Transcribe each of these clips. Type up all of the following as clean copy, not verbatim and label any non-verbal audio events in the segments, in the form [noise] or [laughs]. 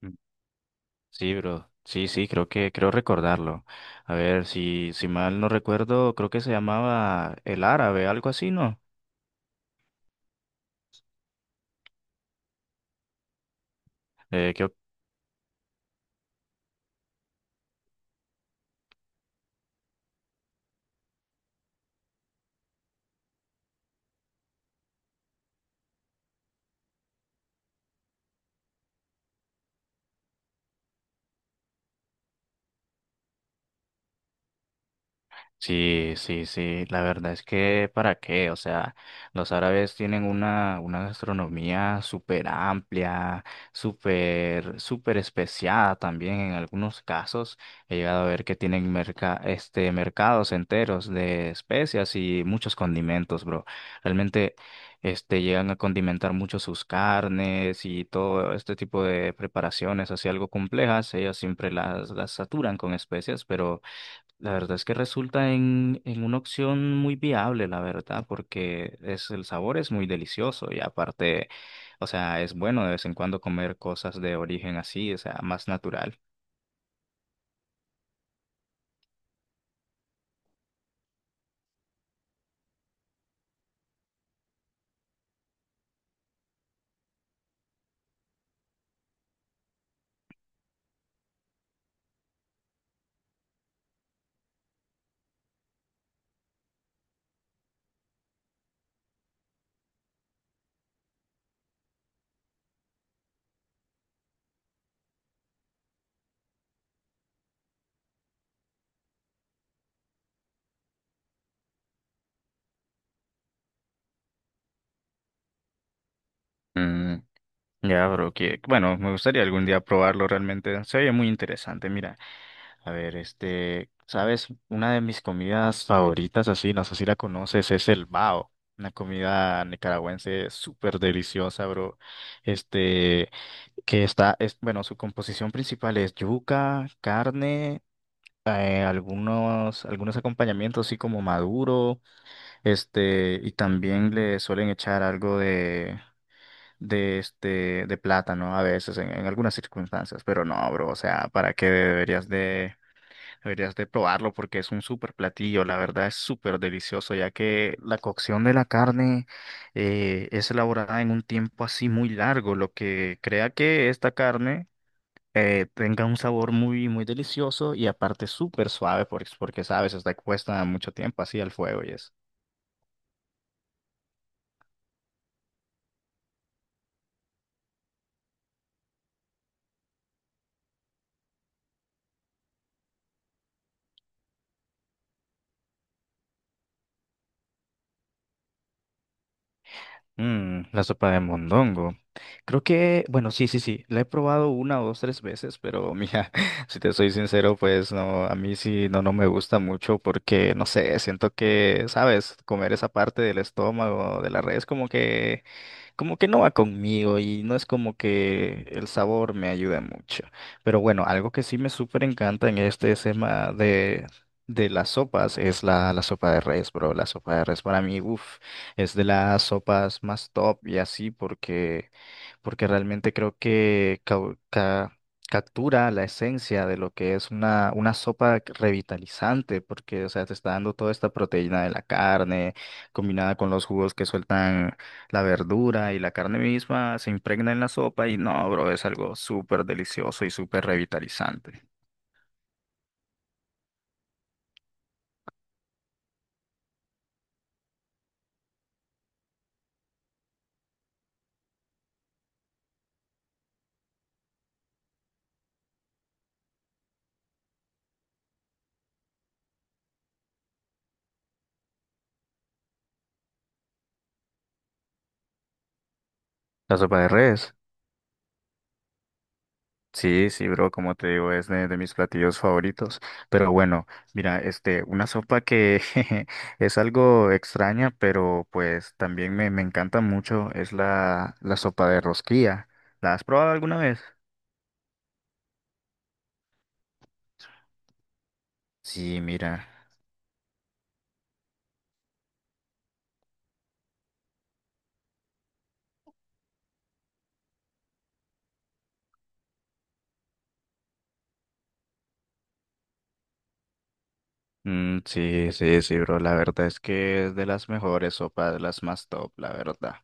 Mm. Sí, bro. Sí, sí, creo recordarlo. A ver, si mal no recuerdo, creo que se llamaba El Árabe, algo así, ¿no? ¿Qué Sí, sí, sí, la verdad es que para qué, o sea, los árabes tienen una gastronomía súper amplia, súper especiada también en algunos casos. He llegado a ver que tienen mercados enteros de especias y muchos condimentos, bro. Realmente, llegan a condimentar mucho sus carnes y todo este tipo de preparaciones, así algo complejas. Ellos siempre las saturan con especias, pero la verdad es que resulta en una opción muy viable, la verdad, porque es, el sabor es muy delicioso y aparte, o sea, es bueno de vez en cuando comer cosas de origen así, o sea, más natural. Ya, bro, que bueno, me gustaría algún día probarlo realmente. Se oye muy interesante. Mira, a ver, ¿sabes? Una de mis comidas favoritas, así, no sé si la conoces, es el bao. Una comida nicaragüense súper deliciosa, bro. Este, que está, es, bueno, su composición principal es yuca, carne, algunos acompañamientos así como maduro, y también le suelen echar algo de de plátano a veces en algunas circunstancias, pero no, bro, o sea, ¿para qué deberías de probarlo? Porque es un súper platillo, la verdad es súper delicioso, ya que la cocción de la carne es elaborada en un tiempo así muy largo, lo que crea que esta carne tenga un sabor muy muy delicioso y aparte súper suave porque, porque sabes, está expuesta mucho tiempo así al fuego y es. Mm, la sopa de mondongo. Creo que, bueno, sí, sí, sí, la he probado una o dos, tres veces, pero mira, [laughs] si te soy sincero, pues no, a mí sí, no, no me gusta mucho porque, no sé, siento que, sabes, comer esa parte del estómago, de la res, como que no va conmigo y no es como que el sabor me ayude mucho. Pero bueno, algo que sí me súper encanta en este tema de las sopas es la sopa de res, bro. La sopa de res para mí, uff, es de las sopas más top y así porque, porque realmente creo que captura la esencia de lo que es una sopa revitalizante porque, o sea, te está dando toda esta proteína de la carne combinada con los jugos que sueltan la verdura y la carne misma se impregna en la sopa y no, bro, es algo súper delicioso y súper revitalizante. La sopa de res. Sí, sí, bro, como te digo, es de mis platillos favoritos. Pero bueno, mira, una sopa que [laughs] es algo extraña, pero pues también me encanta mucho, es la sopa de rosquilla. ¿La has probado alguna vez? Sí, mira. Mm, sí, sí, sí, bro. La verdad es que es de las mejores sopas, de las más top, la verdad.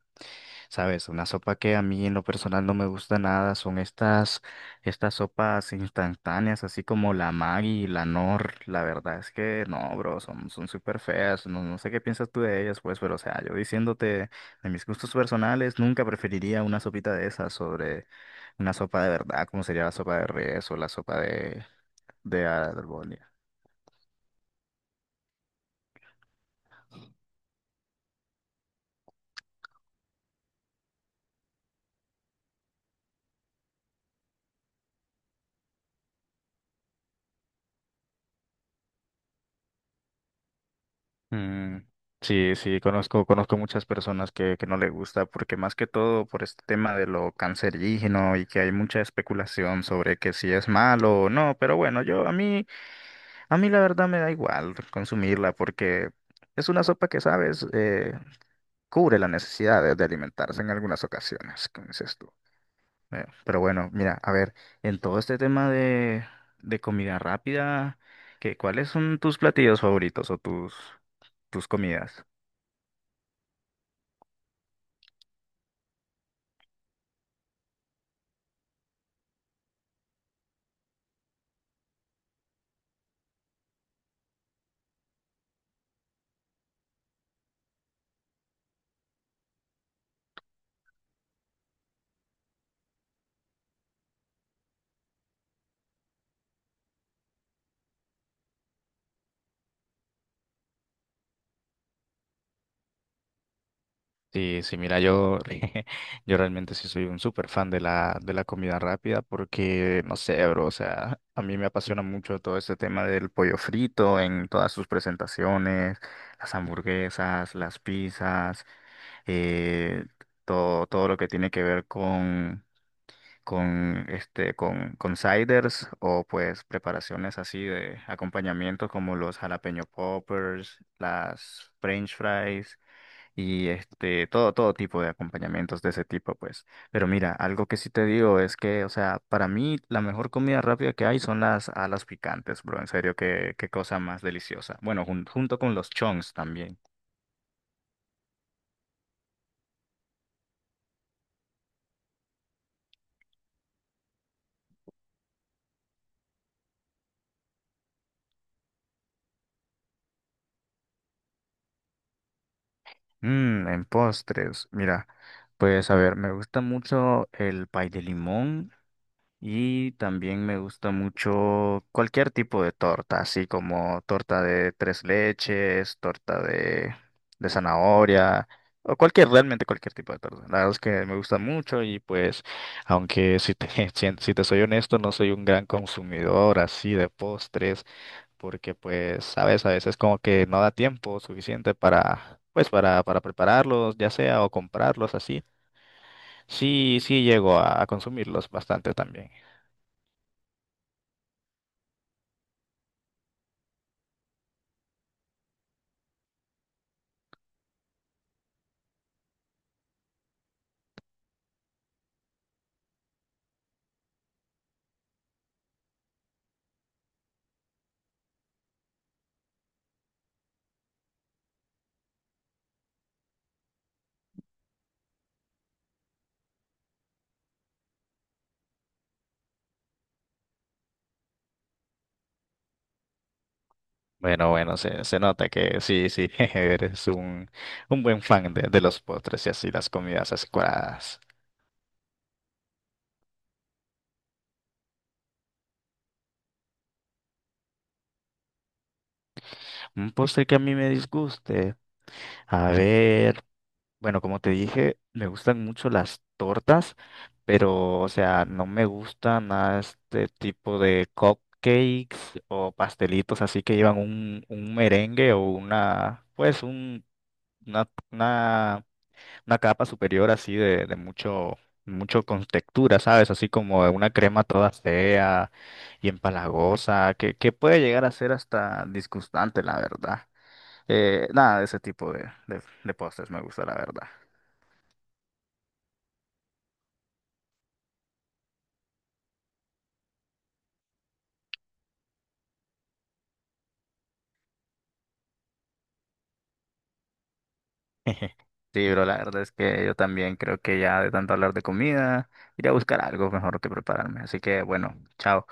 Sabes, una sopa que a mí en lo personal no me gusta nada son estas sopas instantáneas, así como la Maggi y la Nor. La verdad es que no, bro, son, son súper feas. No, no sé qué piensas tú de ellas, pues, pero o sea, yo diciéndote de mis gustos personales, nunca preferiría una sopita de esas sobre una sopa de verdad, como sería la sopa de res o la sopa de albóndigas. Mm, sí, sí, conozco, conozco muchas personas que no le gusta, porque más que todo por este tema de lo cancerígeno y que hay mucha especulación sobre que si es malo o no, pero bueno, a mí la verdad me da igual consumirla porque es una sopa que, sabes, cubre las necesidades de alimentarse en algunas ocasiones, como dices tú. Pero bueno, mira, a ver, en todo este tema de comida rápida, ¿cuáles son tus platillos favoritos o tus comidas? Sí, sí, mira, [laughs] yo realmente sí soy un súper fan de de la comida rápida porque, no sé, bro, o sea, a mí me apasiona mucho todo este tema del pollo frito en todas sus presentaciones, las hamburguesas, las pizzas, eh, todo lo que tiene que ver con, con ciders o pues preparaciones así de acompañamiento como los jalapeño poppers, las french fries y todo tipo de acompañamientos de ese tipo, pues. Pero mira, algo que sí te digo es que, o sea, para mí la mejor comida rápida que hay son las alas picantes, bro. En serio, qué cosa más deliciosa. Bueno, junto con los chongs también. Mmm, en postres, mira, pues a ver, me gusta mucho el pay de limón. Y también me gusta mucho cualquier tipo de torta, así como torta de tres leches, torta de zanahoria, o cualquier, realmente cualquier tipo de torta. La verdad es que me gusta mucho y pues, aunque [laughs] si te soy honesto, no soy un gran consumidor así de postres, porque pues, sabes, a veces como que no da tiempo suficiente para prepararlos, ya sea, o comprarlos así. Sí, sí llego a consumirlos bastante también. Bueno, bueno, se nota que sí, sí, [laughs] eres un buen fan de los postres y así las comidas azucaradas. Un postre que a mí me disguste. A ver, bueno, como te dije, me gustan mucho las tortas, pero, o sea, no me gusta nada este tipo de cupcakes o pastelitos así que llevan un merengue o una, pues, un, una, una una capa superior así de mucho, mucho con textura, ¿sabes? Así como una crema toda fea y empalagosa, que puede llegar a ser hasta disgustante, la verdad. Nada de ese tipo de postres me gusta, la verdad. [laughs] Sí, bro, la verdad es que yo también creo que ya de tanto hablar de comida, iré a buscar algo mejor que prepararme. Así que bueno, chao.